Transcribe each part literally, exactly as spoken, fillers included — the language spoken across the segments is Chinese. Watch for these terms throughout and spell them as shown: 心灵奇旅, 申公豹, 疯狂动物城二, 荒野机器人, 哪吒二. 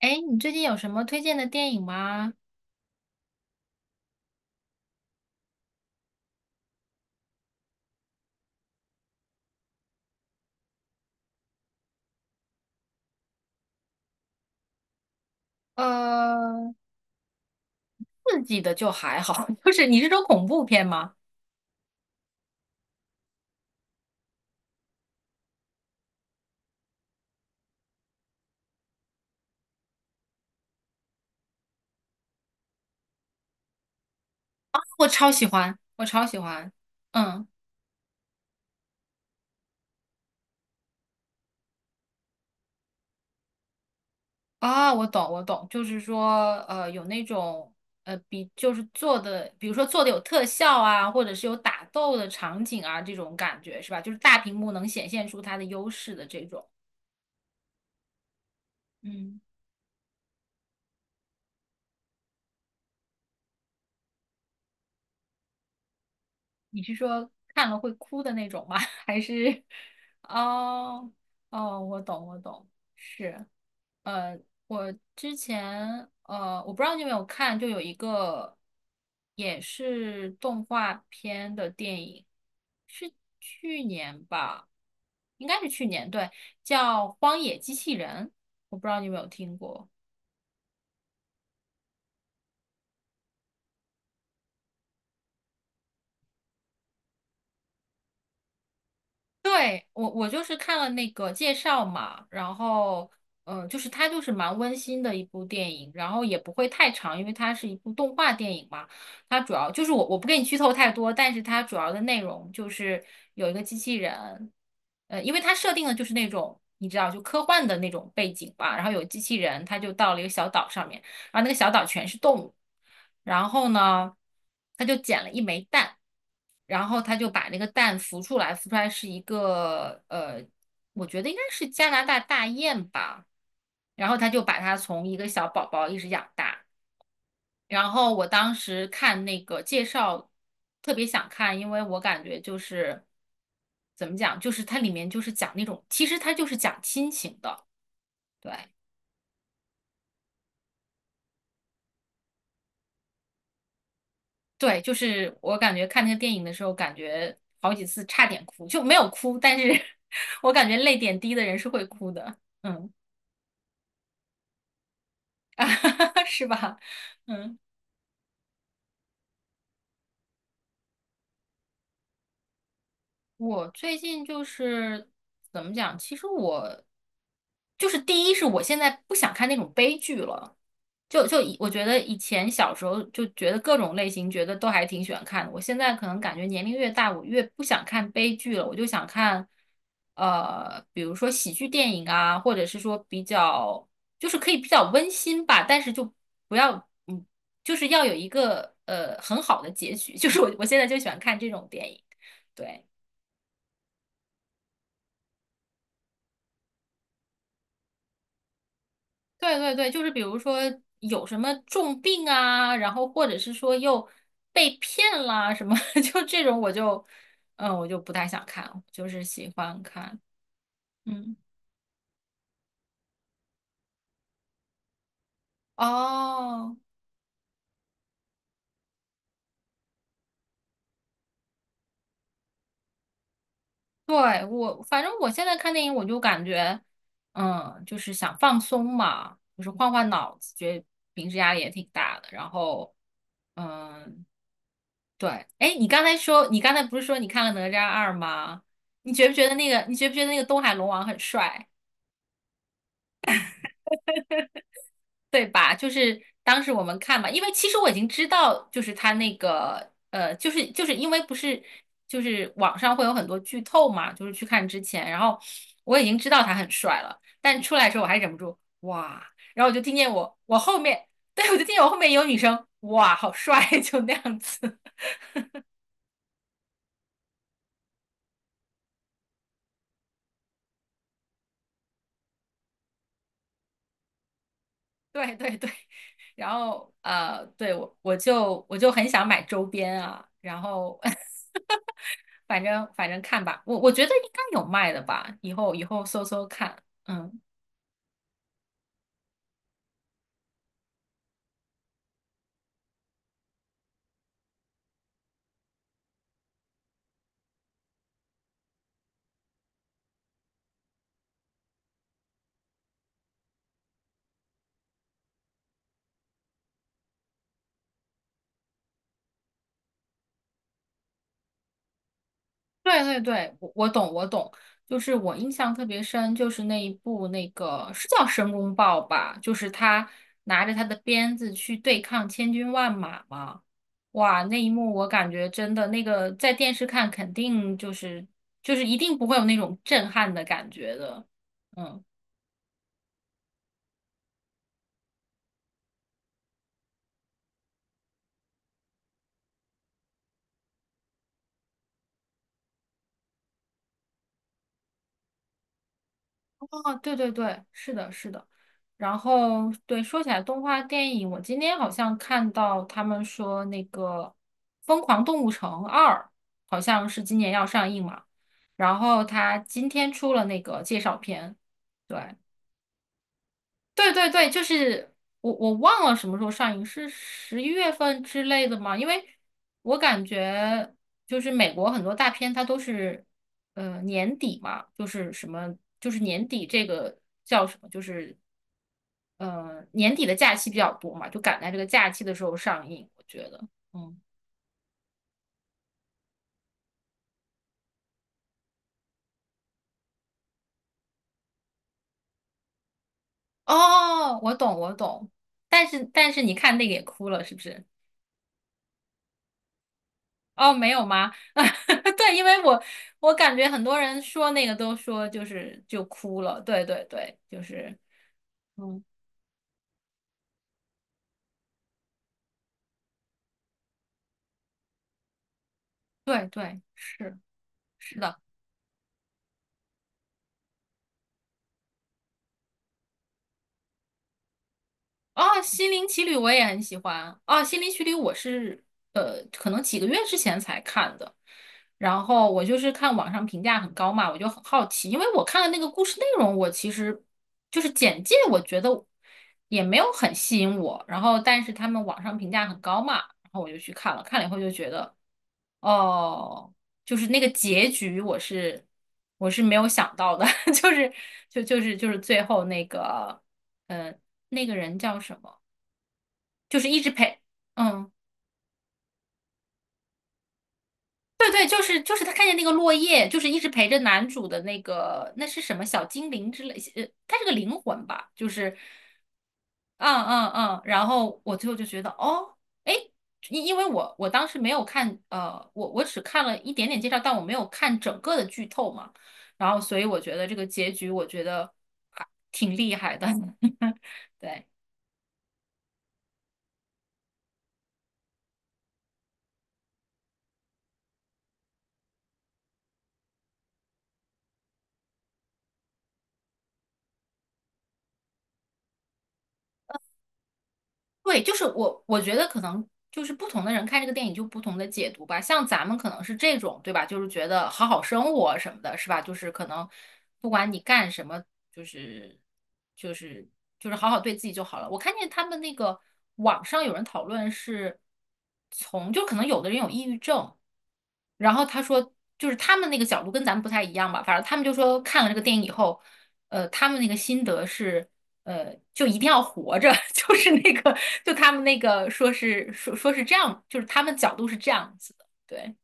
哎，你最近有什么推荐的电影吗？呃，刺激的就还好，就是你是说恐怖片吗？我超喜欢，我超喜欢。嗯。啊，我懂，我懂，就是说，呃，有那种，呃，比就是做的，比如说做的有特效啊，或者是有打斗的场景啊，这种感觉是吧？就是大屏幕能显现出它的优势的这种。嗯。你是说看了会哭的那种吗？还是？哦。哦，我懂，我懂，是。呃，我之前呃，我不知道你有没有看，就有一个也是动画片的电影，是去年吧，应该是去年，对，叫《荒野机器人》，我不知道你有没有听过。对，我我就是看了那个介绍嘛，然后嗯、呃就是它就是蛮温馨的一部电影，然后也不会太长，因为它是一部动画电影嘛。它主要就是我我不给你剧透太多，但是它主要的内容就是有一个机器人。呃，因为它设定的就是那种你知道就科幻的那种背景吧，然后有机器人，它就到了一个小岛上面。然后那个小岛全是动物。然后呢，他就捡了一枚蛋，然后他就把那个蛋孵出来，孵出来是一个呃，我觉得应该是加拿大大雁吧。然后他就把它从一个小宝宝一直养大。然后我当时看那个介绍，特别想看，因为我感觉就是怎么讲，就是它里面就是讲那种，其实它就是讲亲情的，对。对，就是我感觉看那个电影的时候，感觉好几次差点哭，就没有哭，但是 我感觉泪点低的人是会哭的，嗯。是吧？嗯。我最近就是怎么讲？其实我就是第一是我现在不想看那种悲剧了，就就以我觉得以前小时候就觉得各种类型觉得都还挺喜欢看的，我现在可能感觉年龄越大，我越不想看悲剧了，我就想看呃，比如说喜剧电影啊，或者是说比较就是可以比较温馨吧，但是就不要嗯，就是要有一个呃很好的结局，就是我我现在就喜欢看这种电影，对。对对对，就是比如说有什么重病啊，然后或者是说又被骗啦什么，就这种我就，嗯，我就不太想看，就是喜欢看。嗯，哦，对，我反正我现在看电影，我就感觉，嗯，就是想放松嘛，就是换换脑子，觉得平时压力也挺大的，然后，嗯，对。哎，你刚才说，你刚才不是说你看了《哪吒二》吗？你觉不觉得那个，你觉不觉得那个东海龙王很帅？对吧？就是当时我们看嘛，因为其实我已经知道，就是他那个呃，就是就是因为不是就是网上会有很多剧透嘛，就是去看之前，然后我已经知道他很帅了，但出来的时候我还忍不住哇，然后我就听见我我后面。对，我就听见我后面有女生哇，好帅，就那样子。对对对，然后呃，对我我就我就很想买周边啊，然后 反正反正看吧，我我觉得应该有卖的吧，以后以后搜搜看，嗯。对对对，我我懂我懂，就是我印象特别深，就是那一部那个是叫《申公豹》吧，就是他拿着他的鞭子去对抗千军万马嘛。哇，那一幕我感觉真的那个在电视看肯定就是就是一定不会有那种震撼的感觉的，嗯。哦，对对对，是的，是的。然后，对，说起来动画电影，我今天好像看到他们说那个《疯狂动物城二》好像是今年要上映嘛，然后他今天出了那个介绍片，对。对对对，就是我我忘了什么时候上映，是十一月份之类的吗？因为我感觉就是美国很多大片它都是呃年底嘛，就是什么就是年底这个叫什么，就是呃年底的假期比较多嘛，就赶在这个假期的时候上映，我觉得，嗯。哦，我懂我懂，但是但是你看那个也哭了，是不是？哦，没有吗？对，因为我我感觉很多人说那个都说就是就哭了，对对对，就是，嗯，对对是。是的。哦，《心灵奇旅》我也很喜欢。哦，《心灵奇旅》我是呃，可能几个月之前才看的。然后我就是看网上评价很高嘛，我就很好奇，因为我看的那个故事内容，我其实就是简介，我觉得也没有很吸引我。然后，但是他们网上评价很高嘛，然后我就去看了，看了以后就觉得，哦，就是那个结局，我是我是没有想到的，就是就就是就是最后那个。嗯。那个人叫什么？就是一直陪。嗯。对对，就是就是他看见那个落叶，就是一直陪着男主的那个，那是什么小精灵之类，呃，他是个灵魂吧，就是。嗯嗯嗯，然后我最后就觉得，哦，哎，因因为我我当时没有看，呃，我我只看了一点点介绍，但我没有看整个的剧透嘛，然后所以我觉得这个结局，我觉得还挺厉害的，对。对，就是我，我觉得可能就是不同的人看这个电影就不同的解读吧。像咱们可能是这种，对吧？就是觉得好好生活什么的，是吧？就是可能不管你干什么，就是就是就是好好对自己就好了。我看见他们那个网上有人讨论是从，就可能有的人有抑郁症，然后他说，就是他们那个角度跟咱们不太一样吧，反正他们就说看了这个电影以后，呃，他们那个心得是，呃，就一定要活着，就是那个，就他们那个说是说说是这样，就是他们角度是这样子的，对。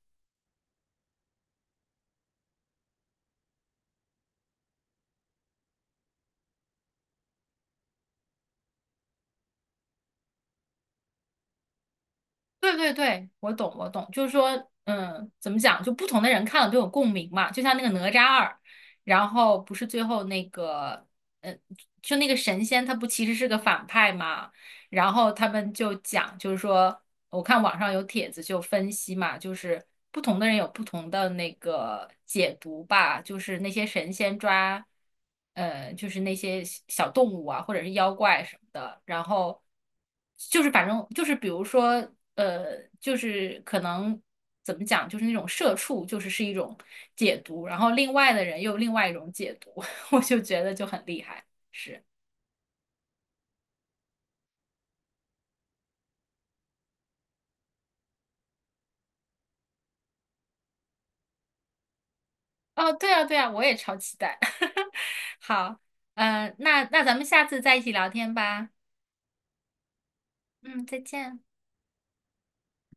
对对对，我懂我懂，就是说，嗯，怎么讲，就不同的人看了都有共鸣嘛，就像那个哪吒二，然后不是最后那个，嗯，就那个神仙他不其实是个反派嘛。然后他们就讲，就是说，我看网上有帖子就分析嘛，就是不同的人有不同的那个解读吧，就是那些神仙抓，呃，就是那些小小动物啊，或者是妖怪什么的，然后就是反正就是比如说，呃，就是可能怎么讲，就是那种社畜，就是是一种解读，然后另外的人又有另外一种解读，我就觉得就很厉害，是。哦，对啊，对啊，我也超期待。好。嗯、那那咱们下次再一起聊天吧。嗯，再见。